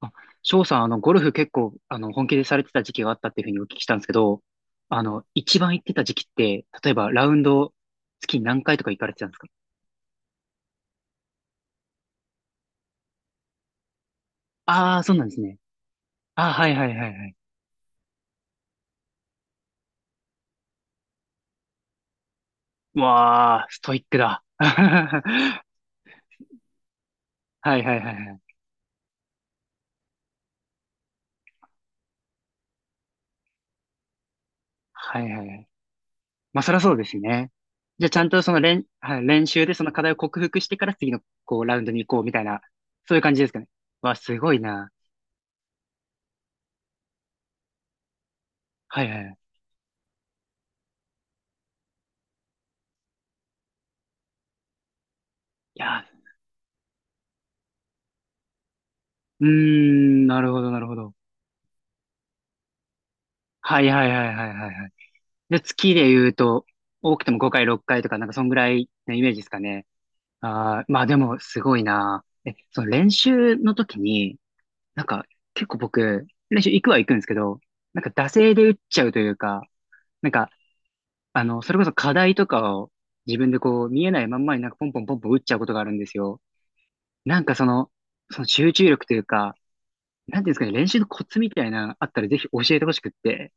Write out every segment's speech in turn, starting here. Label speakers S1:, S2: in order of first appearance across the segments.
S1: あ、翔さん、ゴルフ結構、本気でされてた時期があったっていうふうにお聞きしたんですけど、一番行ってた時期って、例えばラウンド月に何回とか行かれてたんですか？ああー、そうなんですね。ああ、はいはいはいはい。わあ、ストイックだ。はいはいはいはい。はいはいはい。まあ、そりゃそうですね。じゃあ、ちゃんとその練、はい、練習でその課題を克服してから次の、こう、ラウンドに行こうみたいな、そういう感じですかね。わあ、すごいな。はいはい。いやー、うーん、なるほどなるほど。はいはいはいはいはいはい。で、月で言うと、多くても5回6回とか、なんかそんぐらいのイメージですかね。ああ、まあでもすごいな。え、その練習の時に、なんか結構僕、練習行くは行くんですけど、なんか惰性で打っちゃうというか、なんか、それこそ課題とかを自分でこう見えないまんまになんかポンポンポンポン打っちゃうことがあるんですよ。なんかその、その集中力というか、なんていうんですかね、練習のコツみたいなのあったらぜひ教えてほしくって。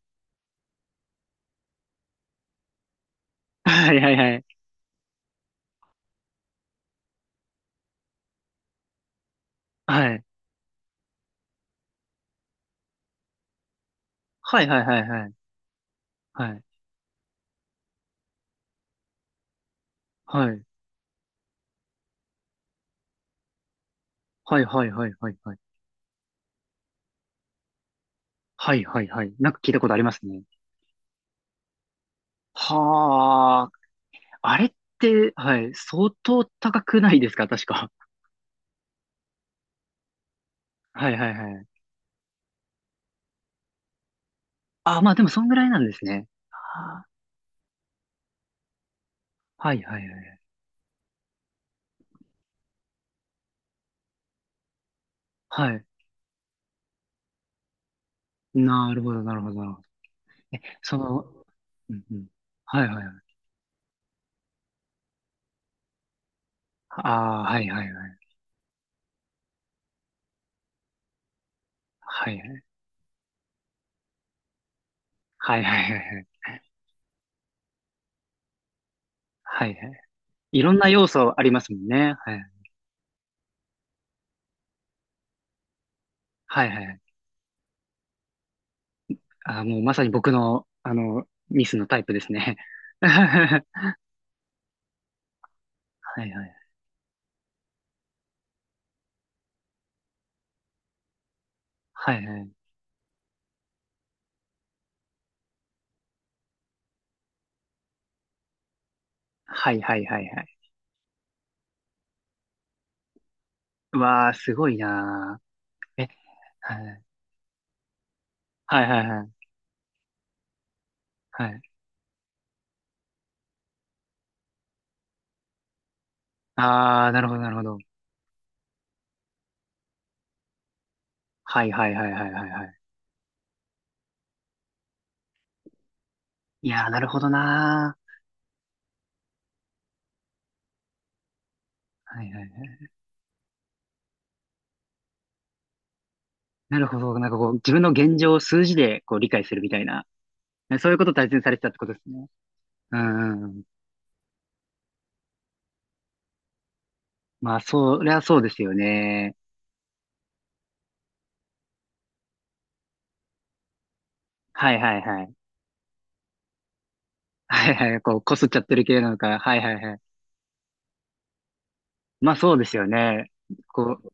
S1: はいはいはい。はい。はいはいはいはいはい。はい。はいはいはいはいはい。はいはいはい。なんか聞いたことありますね。はあ。あれって、はい。相当高くないですか確か。はいはいはい。あ、まあでもそんぐらいなんですね。はあはいはいはい。はい。なるほどなるほどなるほど。え、その、うんうん。はいはいはい。ああ、はいはいはい。はいはい。はいはいはいはい。はいはい。いろんな要素ありますもんね。はい。はいはいはい。ああ、もうまさに僕の、あの、ミスのタイプですね。はいはい。はいはい。はいはいはいはい。うわあ、すごいなー。え、はいはいはいはい。はい。ああ、なるほどなるほど。はいはいはいはいはいはい。いやー、なるほどなー。はいはいはい。なるほど。なんかこう、自分の現状を数字でこう理解するみたいな。そういうことを大切にされてたってことですね。うんうんうん。まあ、そりゃそうですよね。はいはいはい。はいはい。こう、こすっちゃってる系なのか。はいはいはい。まあそうですよね。こう、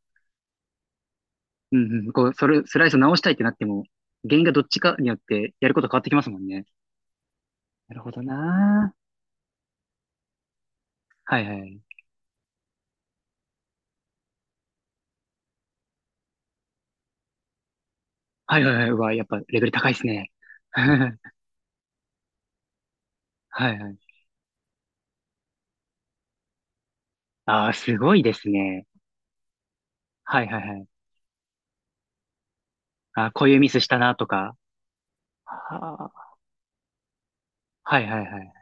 S1: うんうん、こう、それ、スライスを直したいってなっても、原因がどっちかによってやること変わってきますもんね。なるほどなはいはいはいはいはい。うわ、やっぱレベル高いですね。はいはい。ああ、すごいですね。はいはいはい。あー、こういうミスしたなとか。はあ、はいはいはい。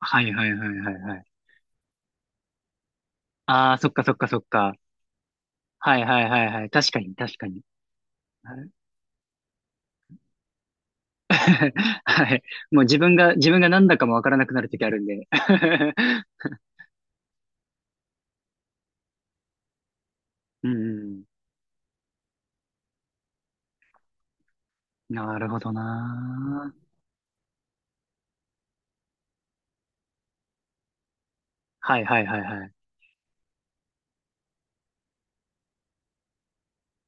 S1: はいはいはいはいはい。ああ、そっかそっかそっか。はいはいはいはい。確かに確かに。はい はいもう自分が、自分が何だかもわからなくなるときあるんで。うん。なるほどな。はいはいはいはい。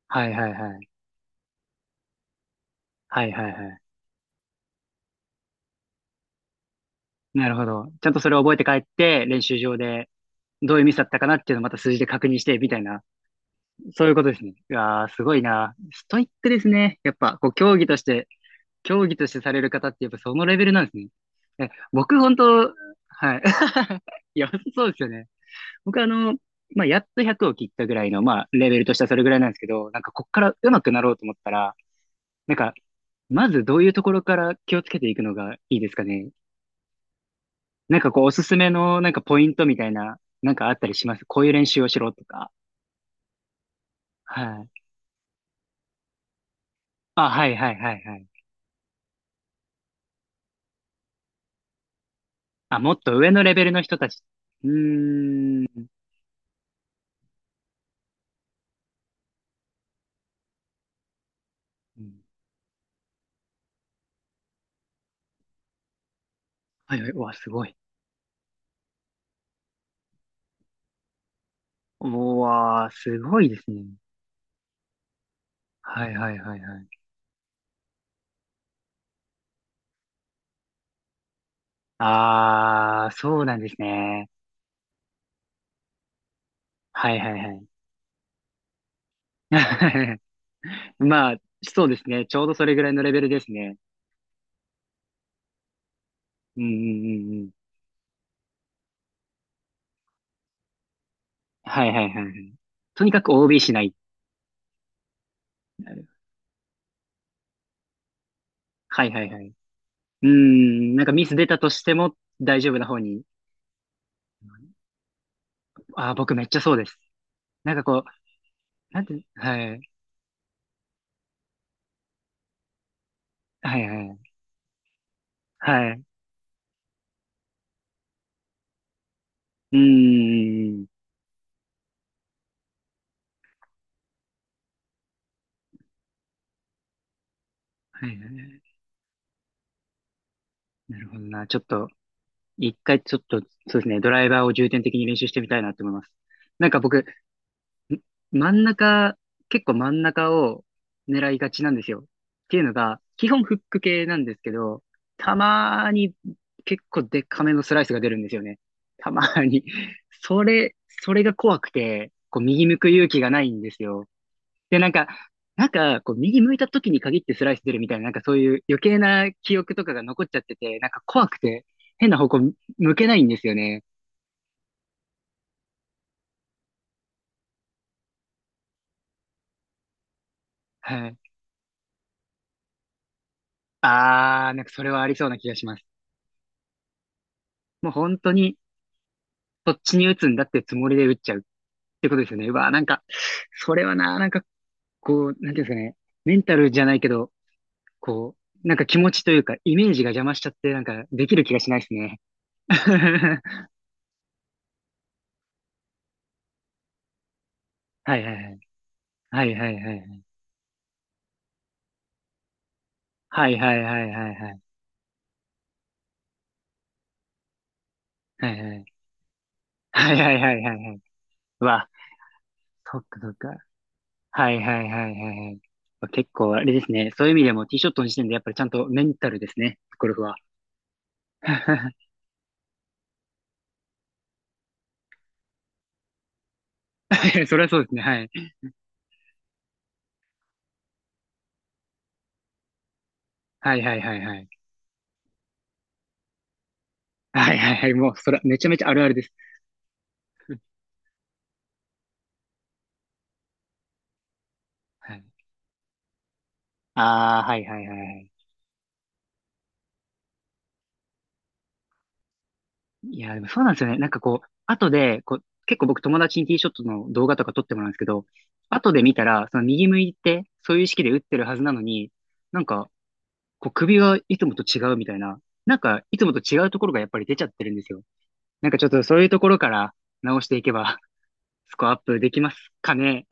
S1: はいはいはい。はいはいはい。なるほど。ちゃんとそれを覚えて帰って、練習場でどういうミスだったかなっていうのをまた数字で確認して、みたいな。そういうことですね。いやー、すごいな。ストイックですね。やっぱ、こう、競技として、競技としてされる方って、やっぱそのレベルなんですね。え、僕、本当はい。いや、そうですよね。僕、まあ、やっと100を切ったぐらいの、まあ、レベルとしてはそれぐらいなんですけど、こっから上手くなろうと思ったら、なんか、まずどういうところから気をつけていくのがいいですかね。なんかこう、おすすめのなんかポイントみたいな、なんかあったりしますこういう練習をしろとか。はい。あ、はいはいはいはい。あ、もっと上のレベルの人たち。うーん。はいはい。うわ、すごい。うわー、すごいですね。はいはいはいはい。あー、そうなんですね。はいはいはい。まあ、そうですね。ちょうどそれぐらいのレベルですね。うんうんうんうん。はいはいはいはい。とにかく OB しないなるはいはいはい。うーん、なんかミス出たとしても大丈夫な方に。ああ僕めっちゃそうです。なんかこう、なんて、はい、はいはい、はい。うーん、はいはい。なるほどな。ちょっと、一回ちょっと、そうですね、ドライバーを重点的に練習してみたいなって思います。なんか僕、真ん中、結構真ん中を狙いがちなんですよ。っていうのが、基本フック系なんですけど、たまーに結構デカめのスライスが出るんですよね。たまーに。それが怖くて、こう右向く勇気がないんですよ。で、なんか、こう右向いた時に限ってスライス出るみたいな、なんかそういう余計な記憶とかが残っちゃってて、なんか怖くて、変な方向向けないんですよね。はい。あー、なんかそれはありそうな気がします。もう本当に、そっちに打つんだってつもりで打っちゃうってことですよね。うわー、なんか、それはな、なんか、こう、なんていうんですかね、メンタルじゃないけど、こう、なんか気持ちというか、イメージが邪魔しちゃって、なんか、できる気がしないですね。はいはいはい。はいはいはいはい。はいはいはいはいはいはい。はいはいはいはいはい。うわ、そっかそっか。はいはいはいはいはい。結構あれですね。そういう意味でもティーショットの時点でやっぱりちゃんとメンタルですね。ゴルフは。それはそうですね。はい。はいはいはいはい。はいはいはい。もう、それ、めちゃめちゃあるあるです。はい。ああ、はいはいはいはい。いや、でもそうなんですよね。なんかこう、後で、こう、結構僕友達にティーショットの動画とか撮ってもらうんですけど、後で見たら、その右向いて、そういう意識で打ってるはずなのに、なんか、こう首がいつもと違うみたいな、なんか、いつもと違うところがやっぱり出ちゃってるんですよ。なんかちょっとそういうところから直していけば、スコアアップできますかね。